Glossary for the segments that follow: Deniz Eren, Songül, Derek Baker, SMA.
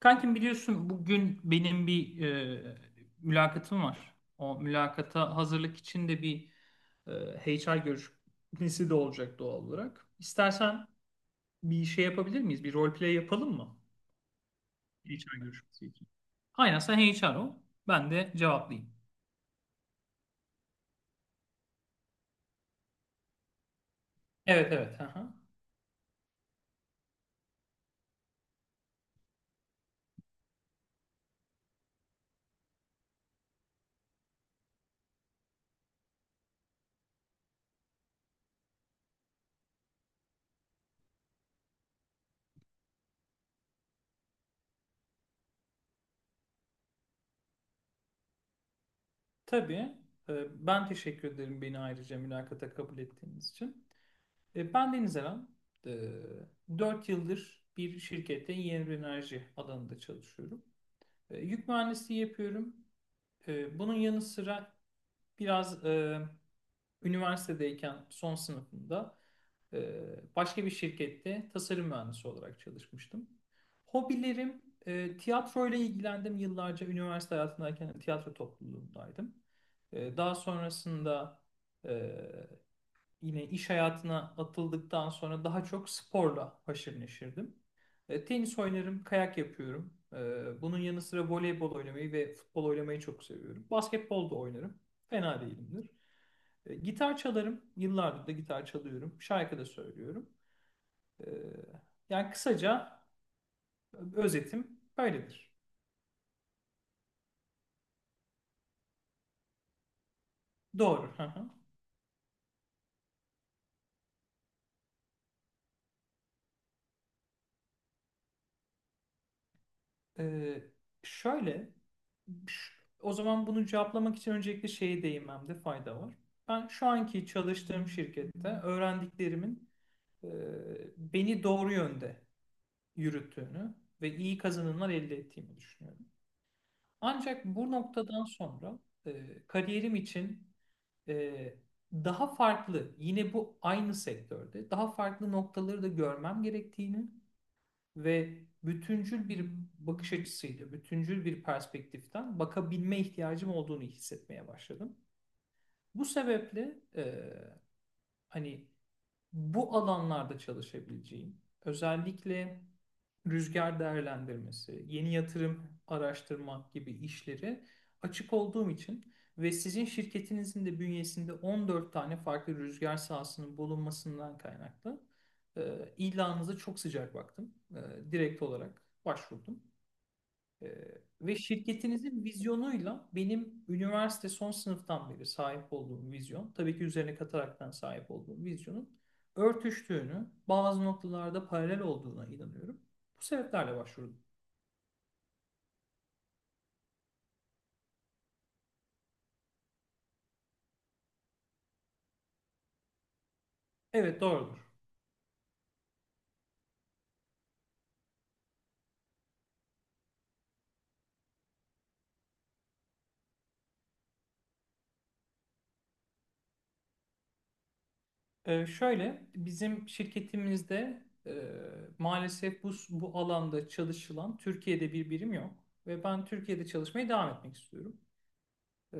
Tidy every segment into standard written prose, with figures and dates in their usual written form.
Kankim biliyorsun bugün benim bir mülakatım var. O mülakata hazırlık için de bir e, HR görüşmesi de olacak doğal olarak. İstersen bir şey yapabilir miyiz? Bir role play yapalım mı? HR görüşmesi için. Aynen sen HR ol. Ben de cevaplayayım. Evet evet. Aha. Tabii. Ben teşekkür ederim beni ayrıca mülakata kabul ettiğiniz için. Ben Deniz Eren. E, 4 yıldır bir şirkette yeni enerji alanında çalışıyorum. Yük mühendisliği yapıyorum. Bunun yanı sıra biraz üniversitedeyken son sınıfımda e, başka bir şirkette tasarım mühendisi olarak çalışmıştım. Hobilerim tiyatro ilgilendim, yıllarca üniversite hayatındayken tiyatro topluluğundaydım. Daha sonrasında e, yine iş hayatına atıldıktan sonra daha çok sporla haşır neşirdim. Tenis oynarım, kayak yapıyorum. Bunun yanı sıra voleybol oynamayı ve futbol oynamayı çok seviyorum. Basketbol da oynarım. Fena değilimdir. Gitar çalarım. Yıllardır da gitar çalıyorum. Şarkı da söylüyorum. E, yani kısaca özetim böyledir. Doğru. Hı hı. E, şöyle... O zaman bunu cevaplamak için öncelikle şeye değinmemde fayda var. Ben şu anki çalıştığım şirkette öğrendiklerimin e, beni doğru yönde yürüttüğünü ve iyi kazanımlar elde ettiğimi düşünüyorum. Ancak bu noktadan sonra kariyerim için e, daha farklı, yine bu aynı sektörde daha farklı noktaları da görmem gerektiğini ve bütüncül bir bakış açısıyla, bütüncül bir perspektiften bakabilme ihtiyacım olduğunu hissetmeye başladım. Bu sebeple hani bu alanlarda çalışabileceğim, özellikle rüzgar değerlendirmesi, yeni yatırım araştırma gibi işleri açık olduğum için ve sizin şirketinizin de bünyesinde 14 tane farklı rüzgar sahasının bulunmasından kaynaklı ilanınıza çok sıcak baktım. Direkt olarak başvurdum. Ee, ve şirketinizin vizyonuyla benim üniversite son sınıftan beri sahip olduğum vizyon, tabii ki üzerine kataraktan sahip olduğum vizyonun örtüştüğünü, bazı noktalarda paralel olduğuna inanıyorum. Bu sebeplerle başvurdum. Evet, doğrudur. Şöyle bizim şirketimizde maalesef bu alanda çalışılan Türkiye'de bir birim yok. Ve ben Türkiye'de çalışmaya devam etmek istiyorum. Ee,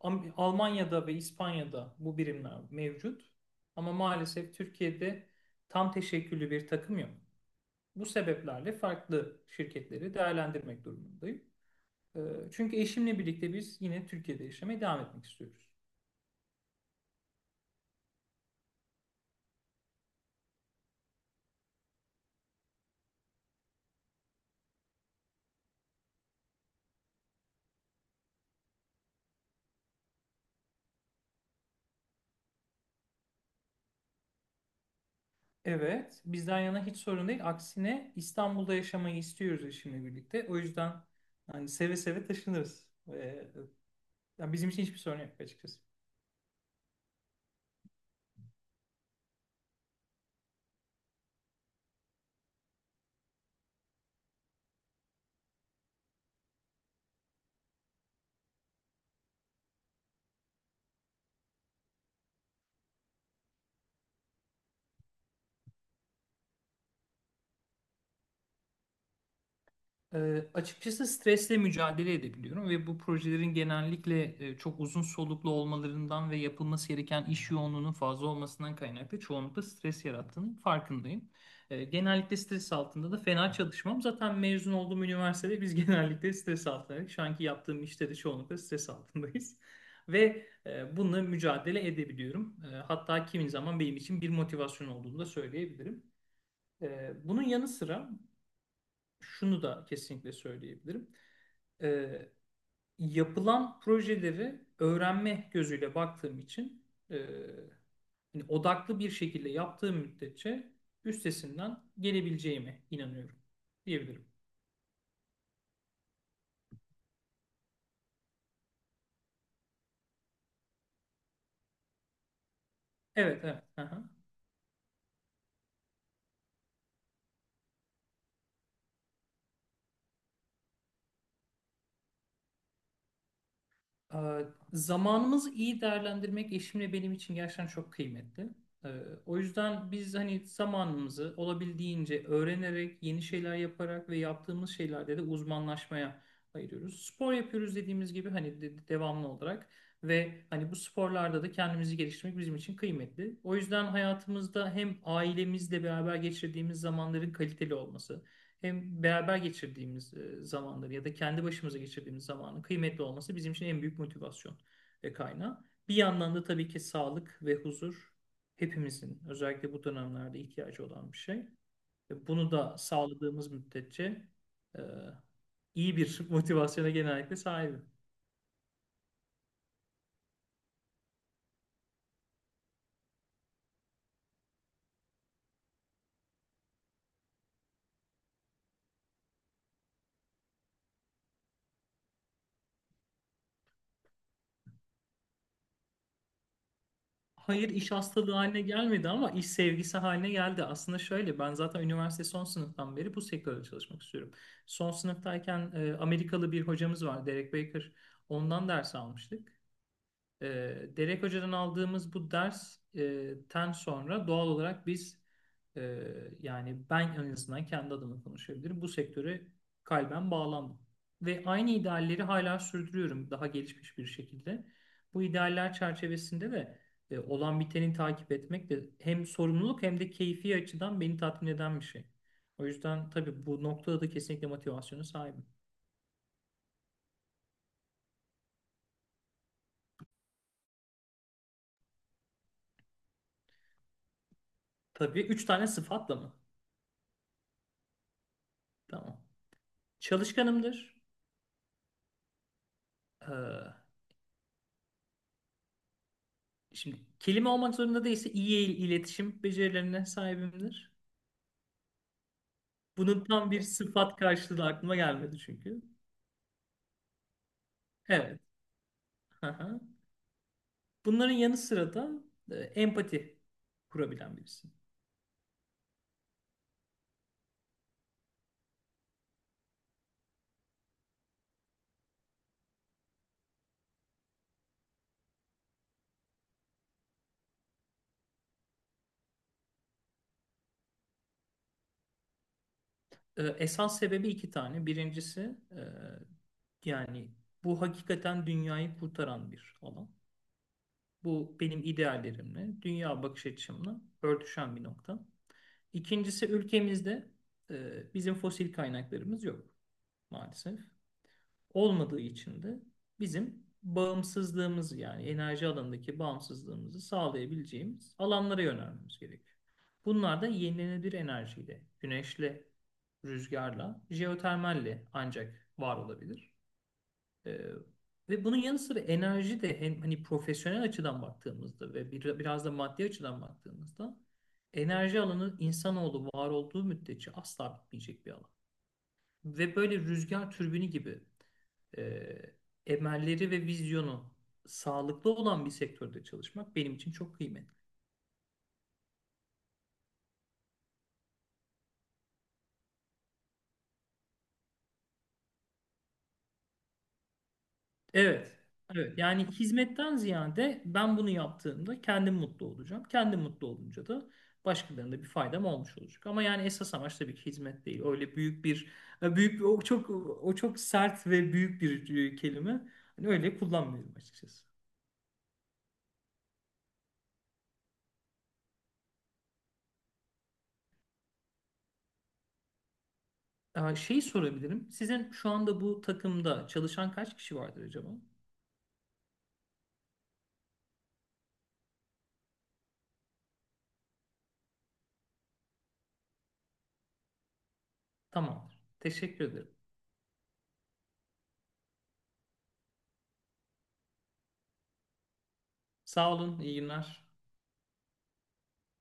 Almanya'da ve İspanya'da bu birimler mevcut. Ama maalesef Türkiye'de tam teşekküllü bir takım yok. Bu sebeplerle farklı şirketleri değerlendirmek durumundayım. Ee, Çünkü eşimle birlikte biz yine Türkiye'de yaşamaya devam etmek istiyoruz. Evet, bizden yana hiç sorun değil. Aksine İstanbul'da yaşamayı istiyoruz eşimle birlikte. O yüzden hani seve seve taşınırız. Yani bizim için hiçbir sorun yok açıkçası. Açıkçası stresle mücadele edebiliyorum ve bu projelerin genellikle çok uzun soluklu olmalarından ve yapılması gereken iş yoğunluğunun fazla olmasından kaynaklı çoğunlukla stres yarattığının farkındayım. Genellikle stres altında da fena çalışmam. Zaten mezun olduğum üniversitede biz genellikle stres altındaydık. Şu anki yaptığım işte de çoğunlukla stres altındayız. Ve bununla mücadele edebiliyorum. Hatta kimi zaman benim için bir motivasyon olduğunu da söyleyebilirim. Bunun yanı sıra şunu da kesinlikle söyleyebilirim: e, yapılan projeleri öğrenme gözüyle baktığım için e, hani odaklı bir şekilde yaptığım müddetçe üstesinden gelebileceğime inanıyorum diyebilirim. Evet, evet. Aha. Ee, Zamanımızı iyi değerlendirmek eşimle benim için gerçekten çok kıymetli. Ee, O yüzden biz hani zamanımızı olabildiğince öğrenerek, yeni şeyler yaparak ve yaptığımız şeylerde de uzmanlaşmaya ayırıyoruz. Spor yapıyoruz dediğimiz gibi hani devamlı olarak, ve hani bu sporlarda da kendimizi geliştirmek bizim için kıymetli. O yüzden hayatımızda hem ailemizle beraber geçirdiğimiz zamanların kaliteli olması, hem beraber geçirdiğimiz zamanları ya da kendi başımıza geçirdiğimiz zamanın kıymetli olması bizim için en büyük motivasyon ve kaynağı. Bir yandan da tabii ki sağlık ve huzur hepimizin özellikle bu dönemlerde ihtiyacı olan bir şey. Ve bunu da sağladığımız müddetçe e, iyi bir motivasyona genellikle sahibim. Hayır, iş hastalığı haline gelmedi ama iş sevgisi haline geldi. Aslında şöyle: ben zaten üniversite son sınıftan beri bu sektörde çalışmak istiyorum. Son sınıftayken Amerikalı bir hocamız var, Derek Baker. Ondan ders almıştık. E, Derek Hoca'dan aldığımız bu dersten sonra doğal olarak biz, e, yani ben en azından kendi adıma konuşabilirim, bu sektöre kalben bağlandım. Ve aynı idealleri hala sürdürüyorum, daha gelişmiş bir şekilde. Bu idealler çerçevesinde de olan biteni takip etmek de hem sorumluluk hem de keyfi açıdan beni tatmin eden bir şey. O yüzden tabii bu noktada da kesinlikle motivasyona sahibim. Tabii, üç tane sıfatla mı? Tamam. Çalışkanımdır. Ee, Şimdi kelime olmak zorunda değilse, iyi iletişim becerilerine sahibimdir. Bunun tam bir sıfat karşılığı da aklıma gelmedi çünkü. Evet. Aha. Bunların yanı sıra da empati kurabilen birisi. Esas sebebi iki tane. Birincisi, e, yani bu hakikaten dünyayı kurtaran bir alan. Bu benim ideallerimle, dünya bakış açımla örtüşen bir nokta. İkincisi, ülkemizde bizim fosil kaynaklarımız yok maalesef. Olmadığı için de bizim bağımsızlığımız, yani enerji alanındaki bağımsızlığımızı sağlayabileceğimiz alanlara yönelmemiz gerekiyor. Bunlar da yenilenebilir enerjiyle, güneşle, rüzgarla, jeotermalle ancak var olabilir. Ee, ve bunun yanı sıra enerji de, hem hani profesyonel açıdan baktığımızda ve bir, biraz da maddi açıdan baktığımızda, enerji alanı insanoğlu var olduğu müddetçe asla bitmeyecek bir alan. Ve böyle rüzgar türbini gibi e, emelleri ve vizyonu sağlıklı olan bir sektörde çalışmak benim için çok kıymetli. Evet, evet. Yani hizmetten ziyade, ben bunu yaptığımda kendim mutlu olacağım. Kendim mutlu olunca da başkalarına da bir faydam olmuş olacak. Ama yani esas amaç tabii ki hizmet değil. Öyle büyük bir, e, büyük bir- o çok o çok sert ve büyük bir kelime. Hani öyle kullanmıyorum açıkçası. Şeyi sorabilirim. Sizin şu anda bu takımda çalışan kaç kişi vardır acaba? Tamamdır. Teşekkür ederim. Sağ olun. İyi günler.